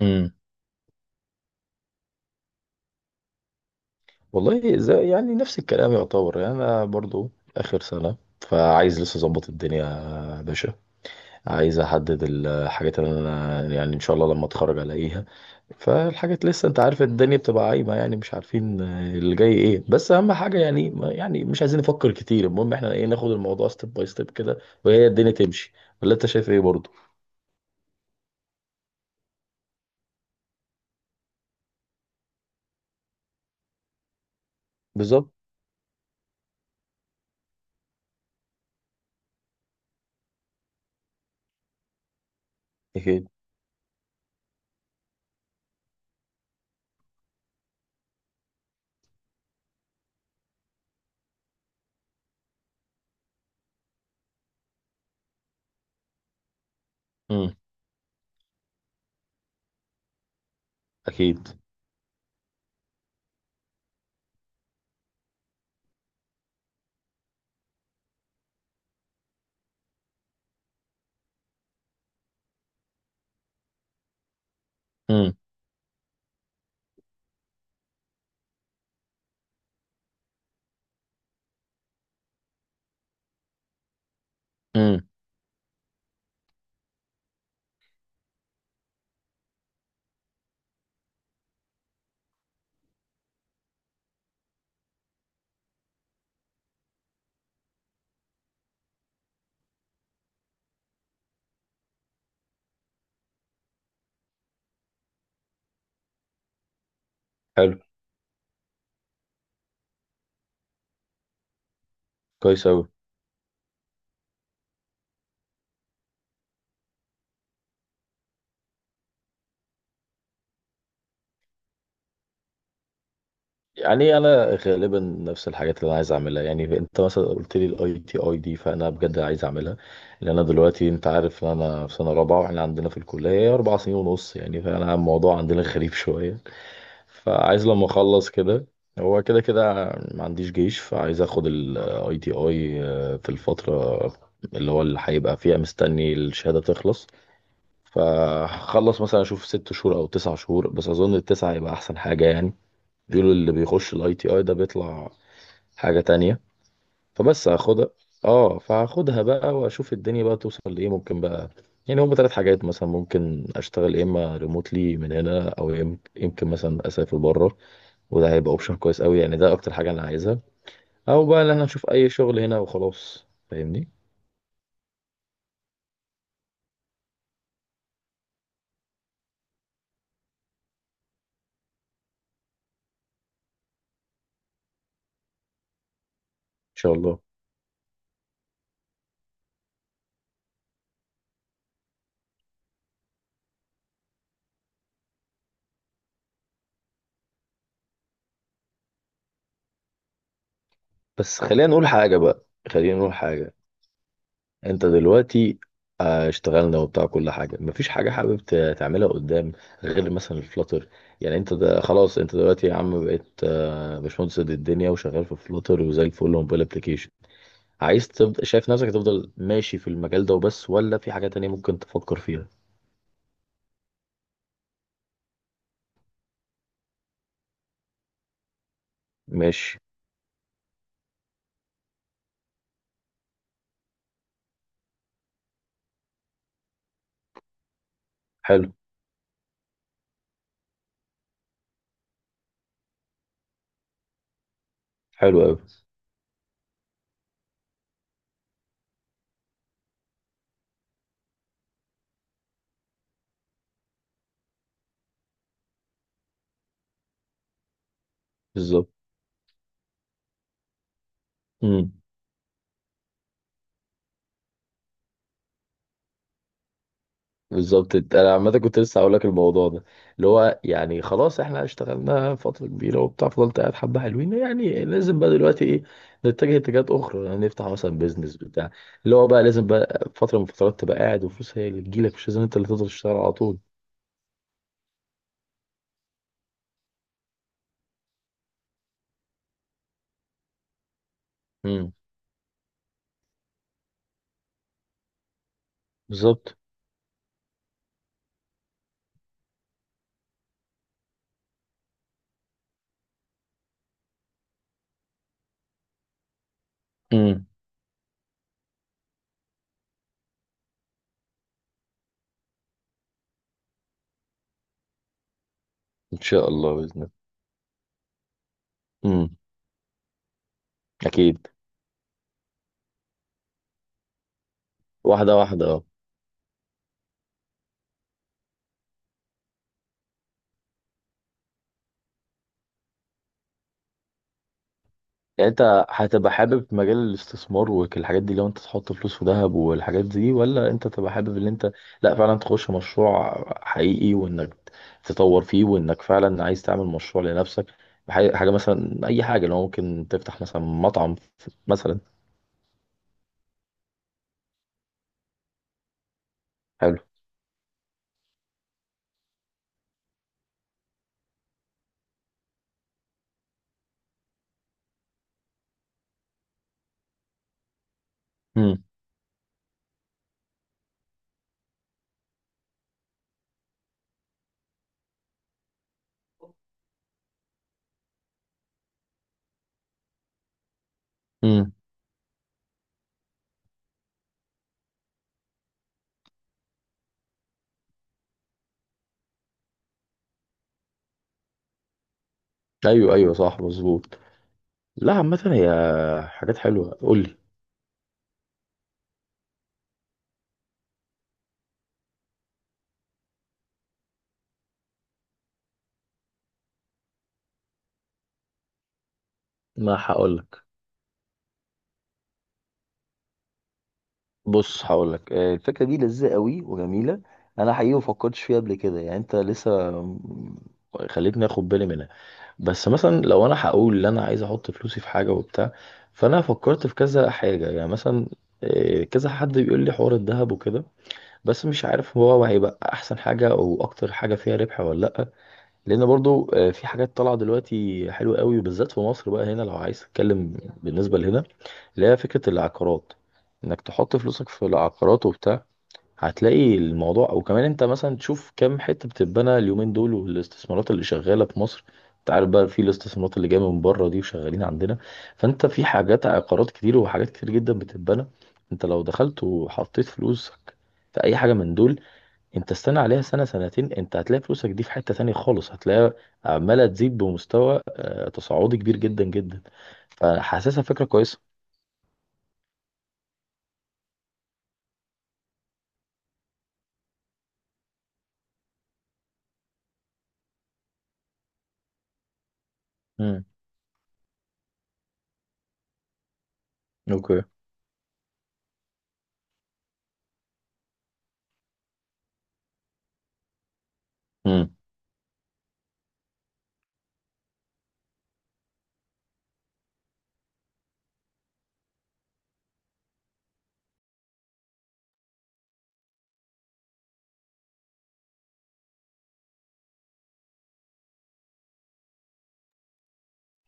امم والله، زي يعني نفس الكلام يعتبر. يعني انا برضو اخر سنه، فعايز لسه اظبط الدنيا يا باشا. عايز احدد الحاجات اللي انا يعني ان شاء الله لما اتخرج الاقيها. فالحاجات لسه انت عارف الدنيا بتبقى عايمه، يعني مش عارفين اللي جاي ايه. بس اهم حاجه يعني مش عايزين نفكر كتير، المهم احنا ايه ناخد الموضوع ستيب باي ستيب كده وهي الدنيا تمشي. ولا انت شايف ايه برضو؟ بالظبط. اكيد. امم. اكيد. امم. امم. حلو. كويس اوي. يعني انا غالبا نفس الحاجات اللي انا عايز اعملها. يعني انت مثلا قلت لي الاي تي اي دي، فانا بجد عايز اعملها. لان انا دلوقتي انت عارف ان انا في سنه رابعه، واحنا عندنا في الكليه 4 سنين ونص يعني. فانا الموضوع عندنا غريب شويه. فعايز لما اخلص كده. هو كده كده ما عنديش جيش، فعايز اخد الاي تي اي في الفتره اللي هو اللي هيبقى فيها مستني الشهاده تخلص. فهخلص مثلا اشوف 6 شهور او 9 شهور، بس اظن التسعه هيبقى احسن حاجه يعني. بيقولوا اللي بيخش الاي تي اي ده بيطلع حاجة تانية. فبس هاخدها. اه فهاخدها بقى واشوف الدنيا بقى توصل لايه ممكن بقى. يعني هما ثلاث حاجات مثلا ممكن اشتغل، يا اما ريموتلي من هنا او يمكن مثلا اسافر بره، وده هيبقى اوبشن كويس قوي يعني، ده اكتر حاجة انا عايزها. او بقى ان انا اشوف اي شغل هنا وخلاص فاهمني. ان شاء الله. بس خلينا نقول حاجة بقى، خلينا نقول حاجة. انت دلوقتي اشتغلنا وبتاع كل حاجه، مفيش حاجه حابب تعملها قدام غير مثلا الفلاتر. يعني انت ده خلاص، انت دلوقتي يا عم بقيت باشمهندس قد الدنيا وشغال في فلاتر وزي الفل وموبايل ابلكيشن. عايز تبدا، شايف نفسك تفضل ماشي في المجال ده وبس، ولا في حاجه تانية ممكن تفكر فيها؟ ماشي. حلو. حلو قوي. بالظبط. مم. بالظبط، انا عامه كنت لسه هقول لك الموضوع ده، اللي هو يعني خلاص احنا اشتغلنا فتره كبيره وبتاع فضلت قاعد حبه حلوين يعني. لازم بقى دلوقتي ايه نتجه اتجاهات اخرى، يعني نفتح مثلا بيزنس بتاع اللي هو بقى لازم بقى فتره من الفترات تبقى قاعد وفلوس هي اللي تجيلك، مش لازم انت اللي تفضل تشتغل على طول. امم. بالظبط. امم. ان شاء الله باذن الله. امم. اكيد. واحده واحده اه. يعني انت هتبقى حابب مجال الاستثمار والحاجات دي، لو انت تحط فلوس في ذهب والحاجات دي، ولا انت تبقى حابب ان انت لا فعلا تخش مشروع حقيقي، وانك تطور فيه، وانك فعلا عايز تعمل مشروع لنفسك حاجة مثلا؟ اي حاجة، لو ممكن تفتح مثلا مطعم مثلا. حلو. امم. امم. ايوه ايوه. صح مظبوط. لا، عامة هي حاجات حلوة، قول لي. ما هقول لك. بص هقول لك، الفكره دي لذيذه قوي وجميله. انا حقيقي ما فكرتش فيها قبل كده. يعني انت لسه خليتني اخد بالي منها. بس مثلا لو انا هقول ان انا عايز احط فلوسي في حاجه وبتاع، فانا فكرت في كذا حاجه يعني. مثلا كذا حد بيقول لي حوار الذهب وكده، بس مش عارف هو هيبقى احسن حاجه او اكتر حاجه فيها ربح ولا لا. لان برضو في حاجات طالعه دلوقتي حلوه قوي، وبالذات في مصر بقى هنا لو عايز تتكلم بالنسبه لهنا، اللي هي فكره العقارات، انك تحط فلوسك في العقارات وبتاع. هتلاقي الموضوع، وكمان انت مثلا تشوف كام حته بتتبنى اليومين دول والاستثمارات اللي شغاله في مصر. انت عارف بقى في الاستثمارات اللي جايه من بره دي وشغالين عندنا. فانت في حاجات عقارات كتير وحاجات كتير جدا بتتبنى. انت لو دخلت وحطيت فلوسك في اي حاجه من دول، انت استنى عليها سنة سنتين، انت هتلاقي فلوسك دي في حتة تانية خالص. هتلاقيها عمالة تزيد بمستوى تصاعدي كبير جدا جدا، فحاسسها فكرة كويسة. امم. اوكي. امم.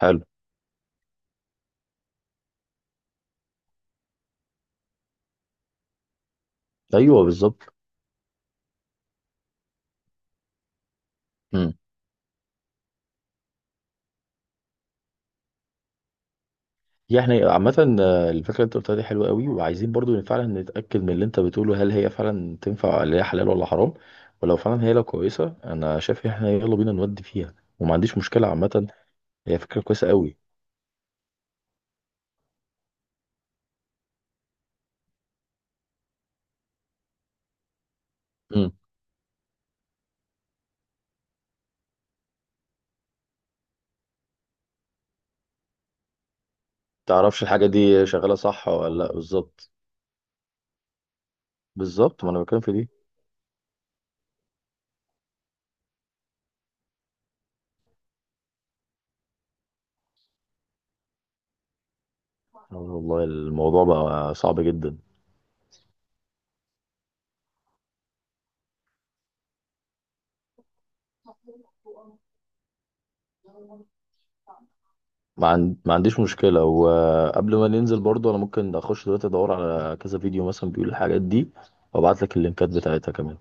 حلو. ايوه بالظبط. امم. يعني عامة الفكرة اللي انت قلتها دي حلوة قوي، وعايزين برضو فعلا نتأكد من اللي انت بتقوله هل هي فعلا تنفع، اللي هي حلال ولا حرام. ولو فعلا هي لو كويسة، انا شايف ان احنا يلا بينا نودي فيها، وما عنديش مشكلة عامة. هي فكرة كويسة قوي. امم. تعرفش الحاجة دي شغالة صح ولا لا؟ بالظبط. بالظبط، ما انا بتكلم في دي. والله الموضوع بقى صعب جدا. ما عنديش مشكلة. وقبل ما ننزل برضو انا ممكن اخش دلوقتي ادور على كذا فيديو مثلا بيقول الحاجات دي، وابعت لك اللينكات بتاعتها كمان.